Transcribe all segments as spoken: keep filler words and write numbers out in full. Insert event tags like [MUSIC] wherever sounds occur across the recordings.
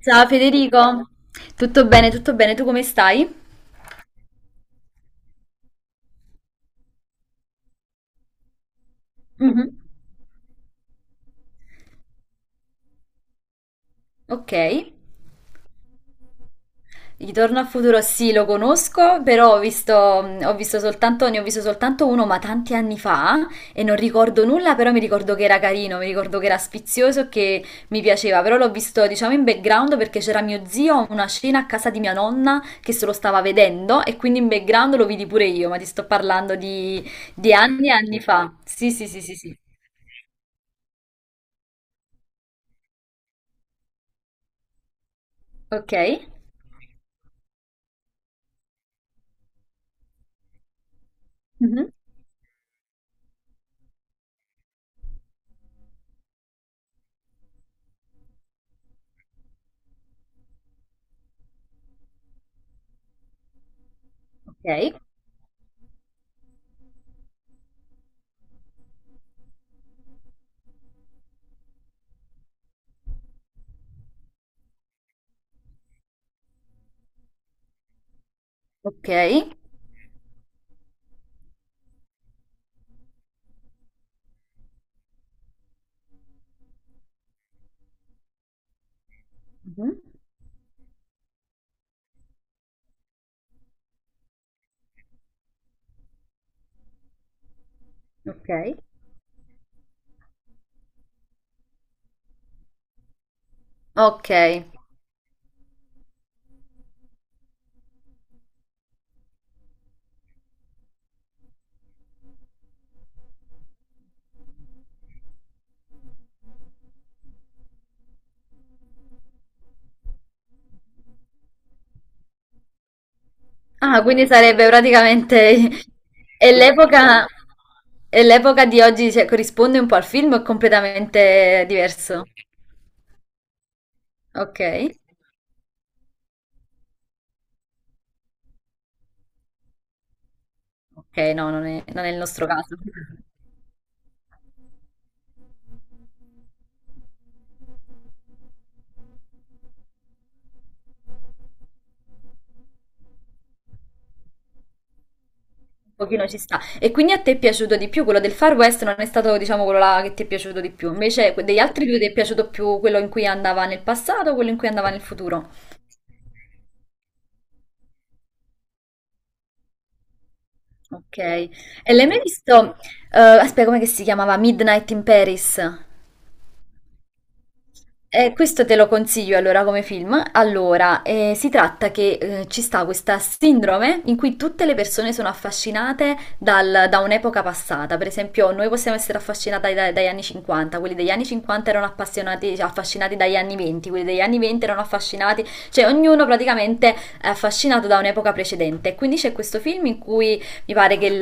Ciao Federico, tutto bene, tutto bene, tu come stai? Mhm. Ok. Ritorno al futuro sì, lo conosco, però ho visto, mm, ho visto soltanto, ne ho visto soltanto uno, ma tanti anni fa e non ricordo nulla, però mi ricordo che era carino, mi ricordo che era sfizioso, che mi piaceva, però l'ho visto diciamo in background perché c'era mio zio, a una scena a casa di mia nonna che se lo stava vedendo e quindi in background lo vidi pure io, ma ti sto parlando di, di anni e anni fa. Sì, sì, sì, sì, sì. Ok. Mhm. Ok, ok, mhm, ok, ok. Ah, quindi sarebbe praticamente... [LAUGHS] E l'epoca e l'epoca di oggi cioè, corrisponde un po' al film o è completamente diverso? Ok, ok, no, non è, non è il nostro caso. Un pochino ci sta. E quindi a te è piaciuto di più quello del Far West, non è stato, diciamo, quello là che ti è piaciuto di più. Invece que- degli altri due ti è piaciuto più quello in cui andava nel passato o quello in cui andava nel futuro? Ok. E l'hai mai visto? Eh, aspetta, come che si chiamava? Midnight in Paris. Eh, questo te lo consiglio allora come film. Allora, eh, si tratta che eh, ci sta questa sindrome in cui tutte le persone sono affascinate dal- da un'epoca passata. Per esempio, noi possiamo essere affascinati dai- dagli anni cinquanta, quelli degli anni cinquanta erano appassionati, cioè, affascinati dagli anni venti, quelli degli anni venti erano affascinati, cioè ognuno praticamente è affascinato da un'epoca precedente. Quindi c'è questo film in cui mi pare che il,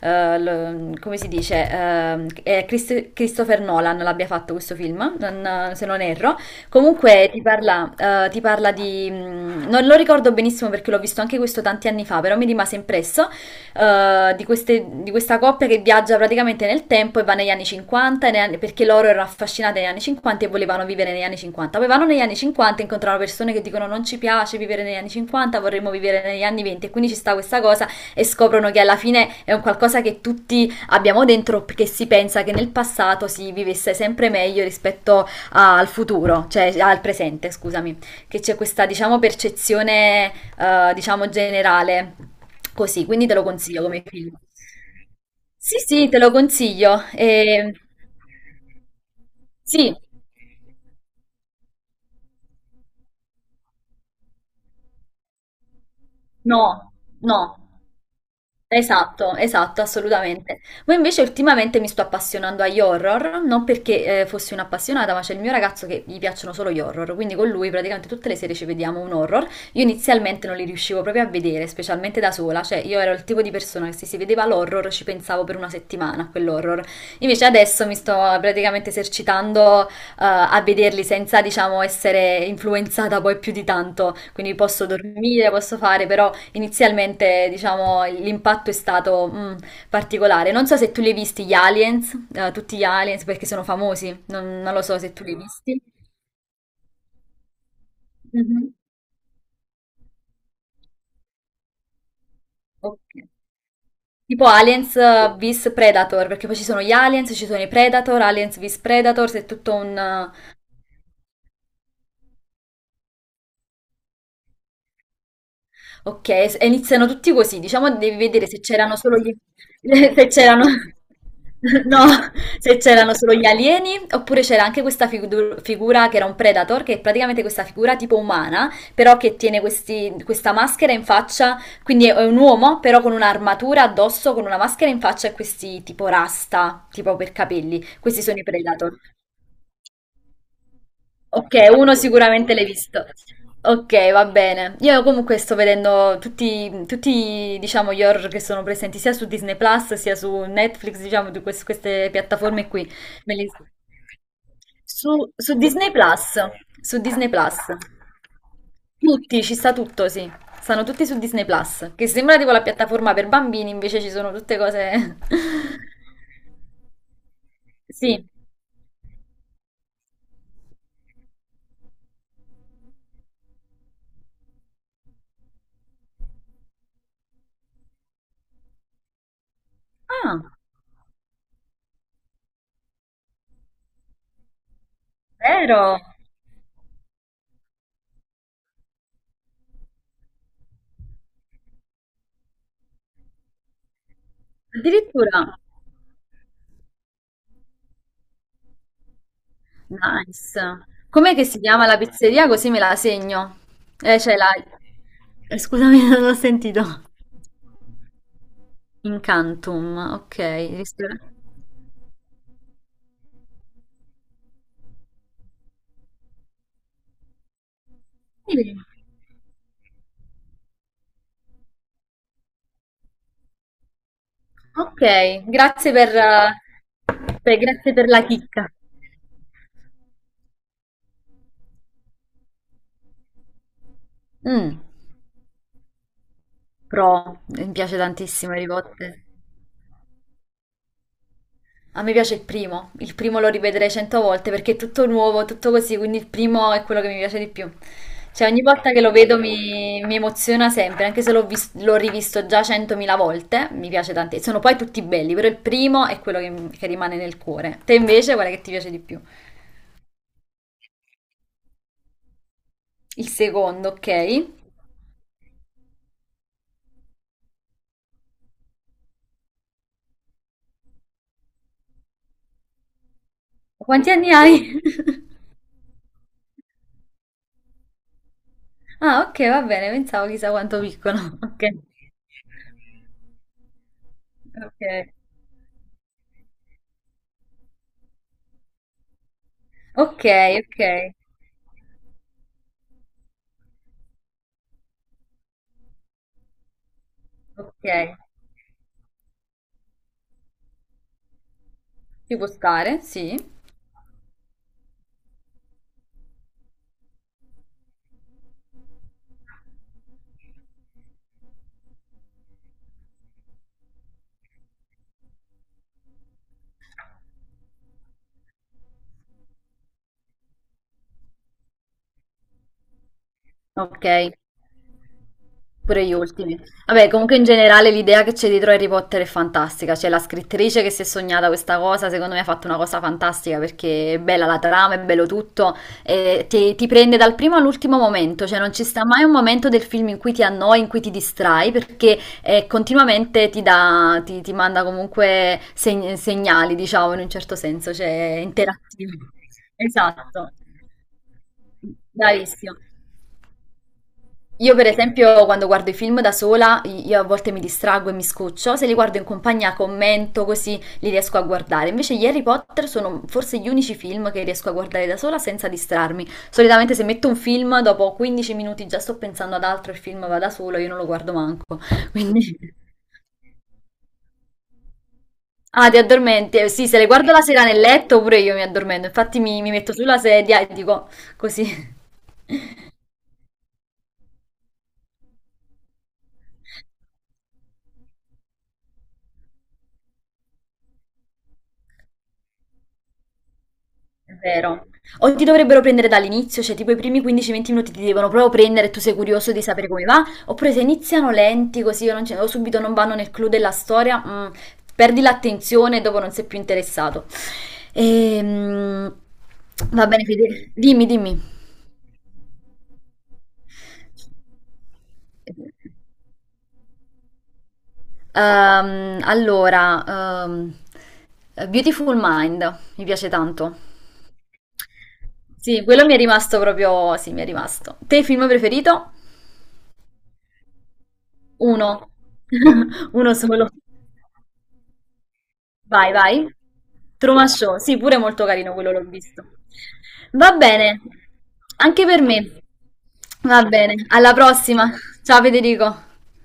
eh, l- come si dice, ehm, è Christ- Christopher Nolan l'abbia fatto questo film, non- se non erro. Comunque ti parla, eh, ti parla di... mm, non lo ricordo benissimo perché l'ho visto anche questo tanti anni fa, però mi rimase impresso, eh, di queste- di questa coppia che viaggia praticamente nel tempo e va negli anni cinquanta, e negli anni- perché loro erano affascinate negli anni cinquanta e volevano vivere negli anni cinquanta. Poi vanno negli anni cinquanta e incontrano persone che dicono non ci piace vivere negli anni cinquanta, vorremmo vivere negli anni venti e quindi ci sta questa cosa e scoprono che alla fine è un qualcosa che tutti abbiamo dentro perché si pensa che nel passato si vivesse sempre meglio rispetto a- al futuro, cioè al presente, scusami, che c'è questa diciamo percezione eh, diciamo generale così, quindi te lo consiglio come film. Sì, sì, te lo consiglio. E... Sì. No, no. Esatto, esatto, assolutamente. Poi invece ultimamente mi sto appassionando agli horror, non perché eh, fossi un'appassionata, ma c'è il mio ragazzo che gli piacciono solo gli horror, quindi con lui praticamente tutte le sere ci vediamo un horror. Io inizialmente non li riuscivo proprio a vedere, specialmente da sola, cioè io ero il tipo di persona che se si vedeva l'horror ci pensavo per una settimana a quell'horror. Invece adesso mi sto praticamente esercitando eh, a vederli senza, diciamo, essere influenzata poi più di tanto, quindi posso dormire, posso fare, però inizialmente, diciamo, l'impatto è stato mm, particolare. Non so se tu li hai visti gli aliens, eh, tutti gli aliens, perché sono famosi. Non, non lo so se tu li hai visti. Mhm. Ok. Tipo Aliens eh, vs Predator, perché poi ci sono gli aliens, ci sono i Predator, Aliens vs Predator, c'è tutto un, eh, ok, s- e iniziano tutti così, diciamo devi vedere se c'erano solo gli... [LAUGHS] se c'erano... [LAUGHS] No, se c'erano solo gli alieni, oppure c'era anche questa figu- figura che era un predator, che è praticamente questa figura tipo umana, però che tiene questi- questa maschera in faccia, quindi è un uomo, però con un'armatura addosso, con una maschera in faccia e questi tipo rasta, tipo per capelli. Questi sono i predator. Ok, uno sicuramente l'hai visto. Ok, va bene. Io comunque sto vedendo tutti, tutti, diciamo, gli horror che sono presenti sia su Disney Plus sia su Netflix, diciamo, di quest- queste piattaforme qui. Me li- Su, su Disney Plus, su Disney Plus. Tutti, ci sta tutto, sì. Stanno tutti su Disney Plus, che sembra tipo la piattaforma per bambini, invece ci sono tutte cose... [LAUGHS] Sì. Ah, vero? Addirittura. Nice. Com'è che si chiama la pizzeria? Così me la segno. Eh, c'è la Eh, scusami, [LAUGHS] non ho sentito. Incantum. Ok, ristor- sì. Ok, grazie per, eh, per- grazie per la chicca. Mm, pro, mi piace tantissimo i ricotta. A me piace il primo, il primo lo rivedrei cento volte perché è tutto nuovo, tutto così, quindi il primo è quello che mi piace di più. Cioè ogni volta che lo vedo mi, mi emoziona sempre, anche se l'ho vis- l'ho rivisto già centomila volte, mi piace tantissimo. Sono poi tutti belli, però il primo è quello che, che rimane nel cuore. Te invece qual è che ti piace di più? Il secondo, ok. Quanti anni hai? [LAUGHS] Ah, ok, va bene, pensavo chissà quanto piccolo. [LAUGHS] Ok, ok, ok, ok, ok. Ci può stare, sì. Ok, pure gli ultimi. Vabbè, comunque in generale l'idea che c'è dietro Harry Potter è fantastica. C'è la scrittrice che si è sognata questa cosa, secondo me ha fatto una cosa fantastica perché è bella la trama, è bello tutto, e ti, ti prende dal primo all'ultimo momento, cioè non ci sta mai un momento del film in cui ti annoi, in cui ti distrai, perché eh, continuamente ti dà, ti, ti manda comunque seg- segnali, diciamo, in un certo senso, cioè interattivi. Esatto. Bravissimo. Io per esempio quando guardo i film da sola, io a volte mi distraggo e mi scoccio, se li guardo in compagnia commento così li riesco a guardare. Invece gli Harry Potter sono forse gli unici film che riesco a guardare da sola senza distrarmi. Solitamente se metto un film, dopo quindici minuti già sto pensando ad altro, il film va da solo, io non lo guardo manco. [LAUGHS] Quindi... Ah, ti addormenti? Eh, Sì, se le guardo la sera nel letto, pure io mi addormento. Infatti mi, mi metto sulla sedia e dico così. È vero. O ti dovrebbero prendere dall'inizio, cioè tipo i primi quindici venti minuti ti devono proprio prendere e tu sei curioso di sapere come va, oppure se iniziano lenti così o, non ce- o subito non vanno nel clou della storia, mm, perdi l'attenzione e dopo non sei più interessato. Ehm, va bene, Fede. Dimmi, dimmi. Ehm, allora, ehm, Beautiful Mind, mi piace tanto. Sì, quello mi è rimasto proprio, sì, mi è rimasto. Te, film preferito? uno. [LAUGHS] Uno solo. Vai, vai. Truman Show, sì, pure molto carino quello, l'ho visto. Va bene, anche per me. Va bene, alla prossima. Ciao Federico.